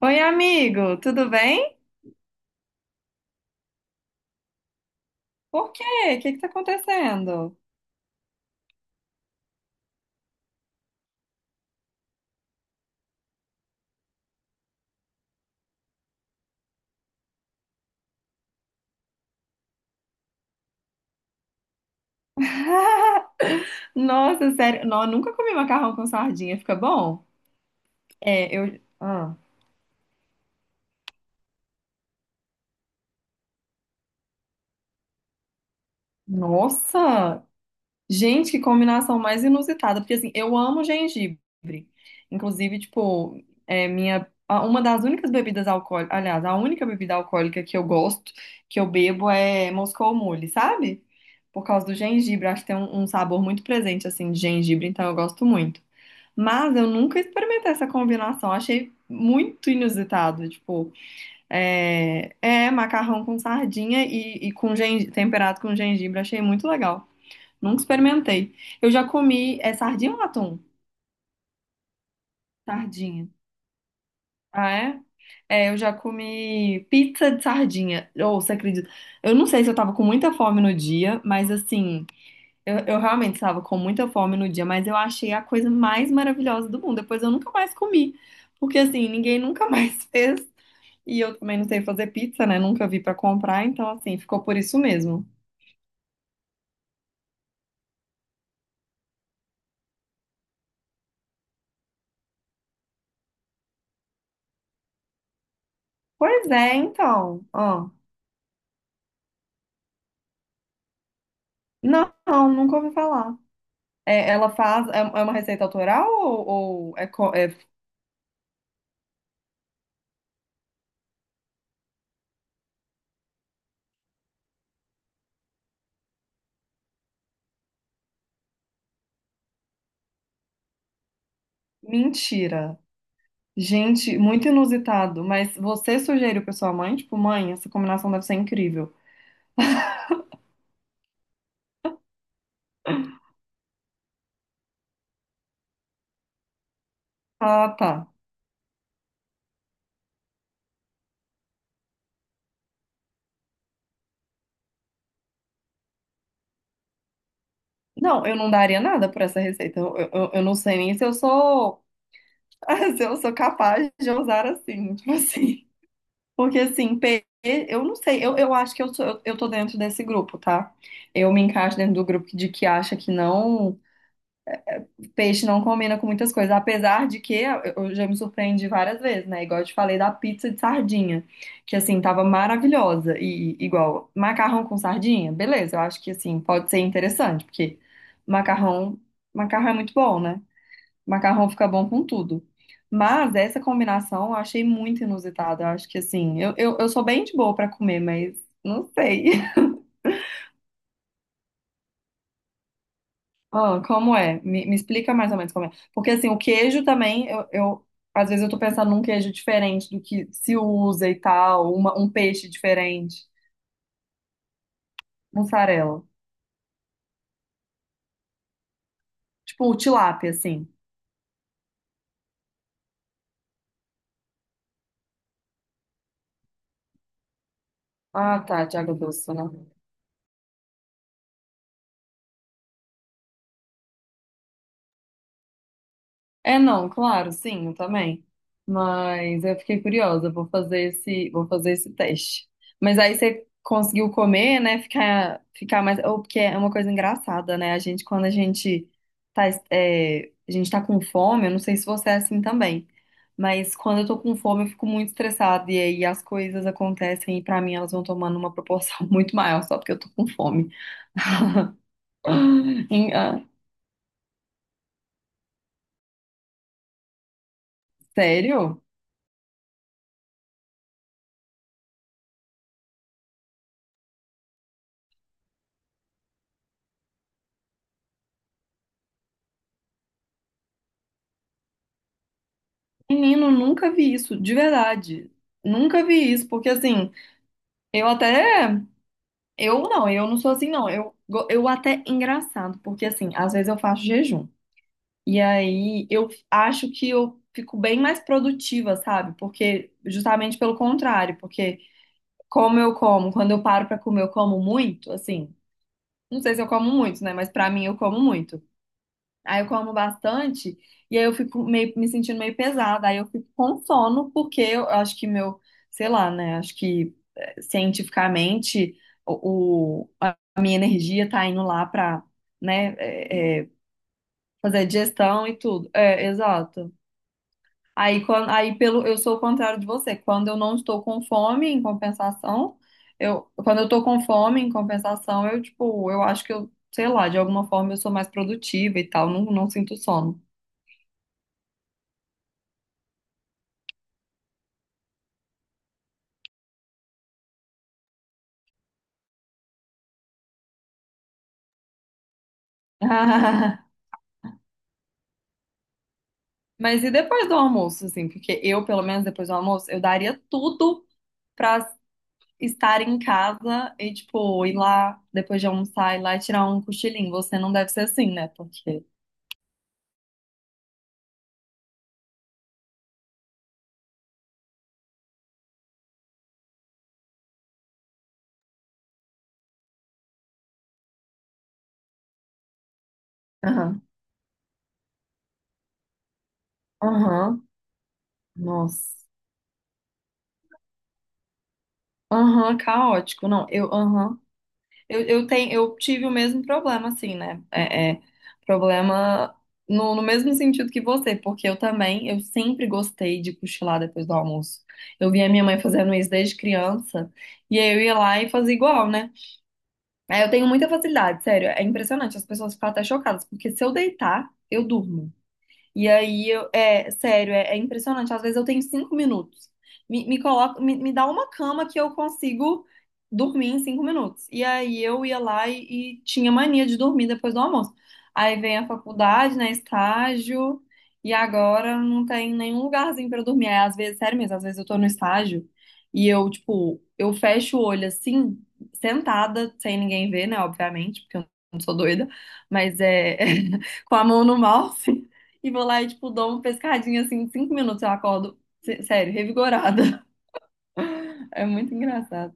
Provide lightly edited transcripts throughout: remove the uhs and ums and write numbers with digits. Oi, amigo, tudo bem? Por quê? O que tá acontecendo? Nossa, sério, não, eu nunca comi macarrão com sardinha, fica bom? É, eu... Nossa! Gente, que combinação mais inusitada, porque assim, eu amo gengibre. Inclusive, tipo, é uma das únicas bebidas alcoólicas, aliás, a única bebida alcoólica que eu gosto, que eu bebo é Moscou Mule, sabe? Por causa do gengibre, acho que tem um sabor muito presente assim de gengibre, então eu gosto muito. Mas eu nunca experimentei essa combinação, achei muito inusitado, tipo, é macarrão com sardinha e com temperado com gengibre, achei muito legal. Nunca experimentei. Eu já comi. É sardinha ou atum? Sardinha. Ah, é? É, eu já comi pizza de sardinha. Ou, você acredita? Eu não sei se eu tava com muita fome no dia, mas assim, eu realmente estava com muita fome no dia, mas eu achei a coisa mais maravilhosa do mundo. Depois eu nunca mais comi. Porque assim, ninguém nunca mais fez. E eu também não sei fazer pizza, né? Nunca vi pra comprar, então assim, ficou por isso mesmo. Pois é, então. Ó. Não, não, nunca ouvi falar. É, ela faz. É uma receita autoral ou, ou é, co- é- Mentira. Gente, muito inusitado. Mas você sugeriu pra sua mãe? Tipo, mãe, essa combinação deve ser incrível. Ah, tá. Não, eu não daria nada por essa receita. Eu não sei nem se eu sou. Se eu sou capaz de usar assim. Tipo assim. Porque assim, eu não sei. Eu acho que eu tô dentro desse grupo, tá? Eu me encaixo dentro do grupo de que acha que não. Peixe não combina com muitas coisas, apesar de que eu já me surpreendi várias vezes, né? Igual eu te falei da pizza de sardinha, que assim tava maravilhosa e igual macarrão com sardinha, beleza? Eu acho que assim pode ser interessante, porque macarrão, macarrão é muito bom, né? Macarrão fica bom com tudo. Mas essa combinação eu achei muito inusitada. Eu acho que assim, eu sou bem de boa pra comer, mas não sei. Ah, como é? Me explica mais ou menos como é. Porque assim, o queijo também, às vezes eu tô pensando num queijo diferente do que se usa e tal, um peixe diferente, mussarela. Tipo o tilápia, assim. Ah, tá, de água doce, né? É, não, claro, sim, eu também. Mas eu fiquei curiosa, vou fazer esse teste. Mas aí você conseguiu comer, né? Ficar mais. Ou porque é uma coisa engraçada, né? A gente, quando a gente a gente tá com fome, eu não sei se você é assim também. Mas quando eu tô com fome, eu fico muito estressada. E aí as coisas acontecem e pra mim elas vão tomando uma proporção muito maior, só porque eu tô com fome. Em- ah, Sério? Menino, nunca vi isso, de verdade. Nunca vi isso, porque assim, eu até. Eu não sou assim, não. Eu até engraçado, porque assim, às vezes eu faço jejum. E aí eu acho que eu fico bem mais produtiva, sabe? Porque, justamente pelo contrário, porque como eu como, quando eu paro pra comer, eu como muito, assim. Não sei se eu como muito, né? Mas pra mim eu como muito. Aí eu como bastante e aí eu fico meio, me sentindo meio pesada. Aí eu fico com sono porque eu acho que meu, sei lá, né? Acho que cientificamente a minha energia tá indo lá pra, né, eh, eh, fazer digestão e tudo. É, exato. Aí, quando, aí pelo, eu sou o contrário de você. Quando eu não estou com fome, em compensação, quando eu tô com fome, em compensação, eu, tipo, eu acho que eu, sei lá, de alguma forma eu sou mais produtiva e tal, não sinto sono. Ah, mas e depois do almoço, assim? Porque eu, pelo menos depois do almoço, eu daria tudo pra estar em casa e, tipo, ir lá depois de almoçar, ir lá e tirar um cochilinho. Você não deve ser assim, né? Porque. Aham. Aham. Nossa. Aham, caótico. Não, eu. Aham. Eu tive o mesmo problema, assim, né? Problema no, no mesmo sentido que você, porque eu também, eu sempre gostei de cochilar depois do almoço. Eu via minha mãe fazendo isso desde criança, e aí eu ia lá e fazia igual, né? Aí eu tenho muita facilidade, sério, é impressionante, as pessoas ficam até chocadas, porque se eu deitar, eu durmo. E aí, é sério, é impressionante. Às vezes eu tenho cinco minutos. Me dá uma cama que eu consigo dormir em cinco minutos. E aí eu ia lá e tinha mania de dormir depois do almoço. Aí vem a faculdade, né, estágio, e agora não tem nenhum lugarzinho para eu dormir. Aí, às vezes, sério mesmo, às vezes eu tô no estágio e eu, tipo, eu fecho o olho assim, sentada, sem ninguém ver, né, obviamente, porque eu não sou doida, mas é com a mão no mouse. E vou lá e, tipo, dou uma pescadinha assim, em cinco minutos eu acordo, sério, revigorada. É muito engraçado.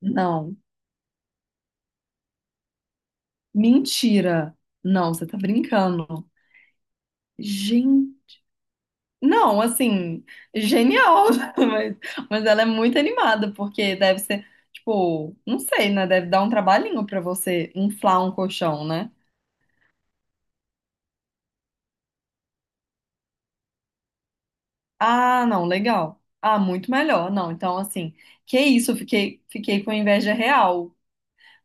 Não, mentira. Não, você tá brincando. Gente. Não, assim, genial, mas, mas ela é muito animada, porque deve ser, tipo, não sei, né? Deve dar um trabalhinho pra você inflar um colchão, né? Ah, não, legal. Ah, muito melhor. Não, então, assim, que isso, fiquei com inveja real.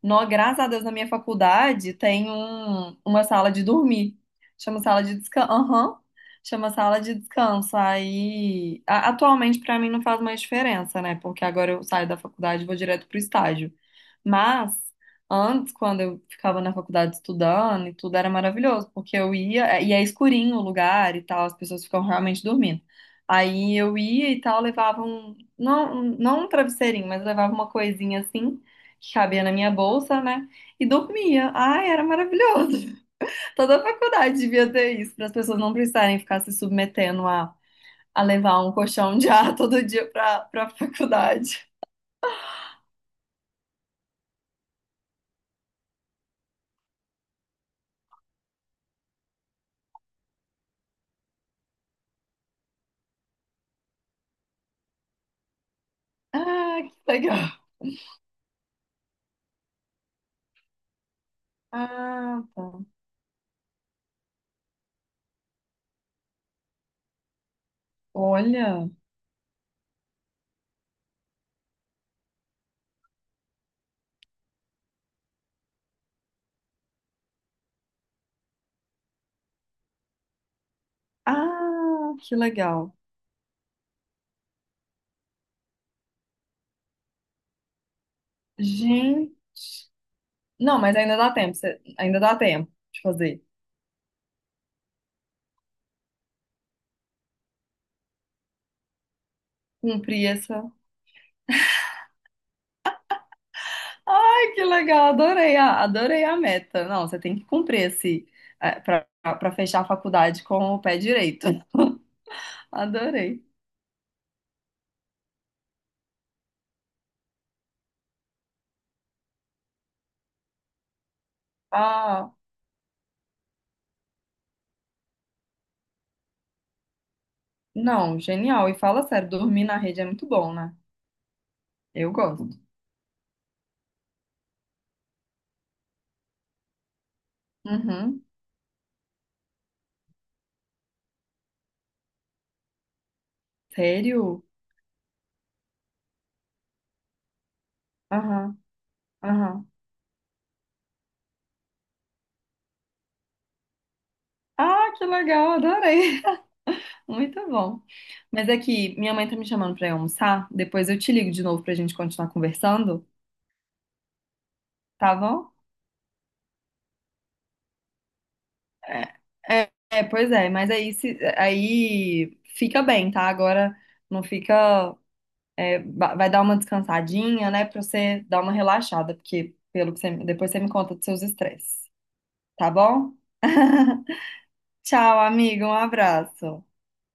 Nó, graças a Deus, na minha faculdade tem uma sala de dormir. Chama sala de descanso. Aham. Chama sala de descanso. Aí, atualmente pra mim não faz mais diferença, né? Porque agora eu saio da faculdade e vou direto pro estágio. Mas antes, quando eu ficava na faculdade estudando e tudo, era maravilhoso, porque eu e é escurinho o lugar e tal, as pessoas ficam realmente dormindo. Aí eu ia e tal, levava um, não, não um travesseirinho, mas levava uma coisinha assim que cabia na minha bolsa, né? E dormia. Ai, era maravilhoso. Toda a faculdade devia ter isso, para as pessoas não precisarem ficar se submetendo a levar um colchão de ar todo dia para para faculdade. Ah, que legal. Ah, tá. Olha. Ah, que legal. Gente. Não, mas ainda dá tempo. Ainda dá tempo de fazer. Cumprir essa. Ai, que legal, adorei a meta. Não, você tem que cumprir esse é, para fechar a faculdade com o pé direito. Adorei. Ah, não, genial. E fala sério, dormir na rede é muito bom, né? Eu gosto. Uhum. Sério? Aham, aham. Ah, que legal, adorei. Muito bom. Mas é que minha mãe tá me chamando pra ir almoçar. Depois eu te ligo de novo pra gente continuar conversando, tá bom? É, pois é, mas aí, se, aí fica bem, tá? Agora não fica. Vai dar uma descansadinha, né? Pra você dar uma relaxada, porque pelo que você, depois você me conta dos seus estresses, tá bom? Tchau, amiga, um abraço.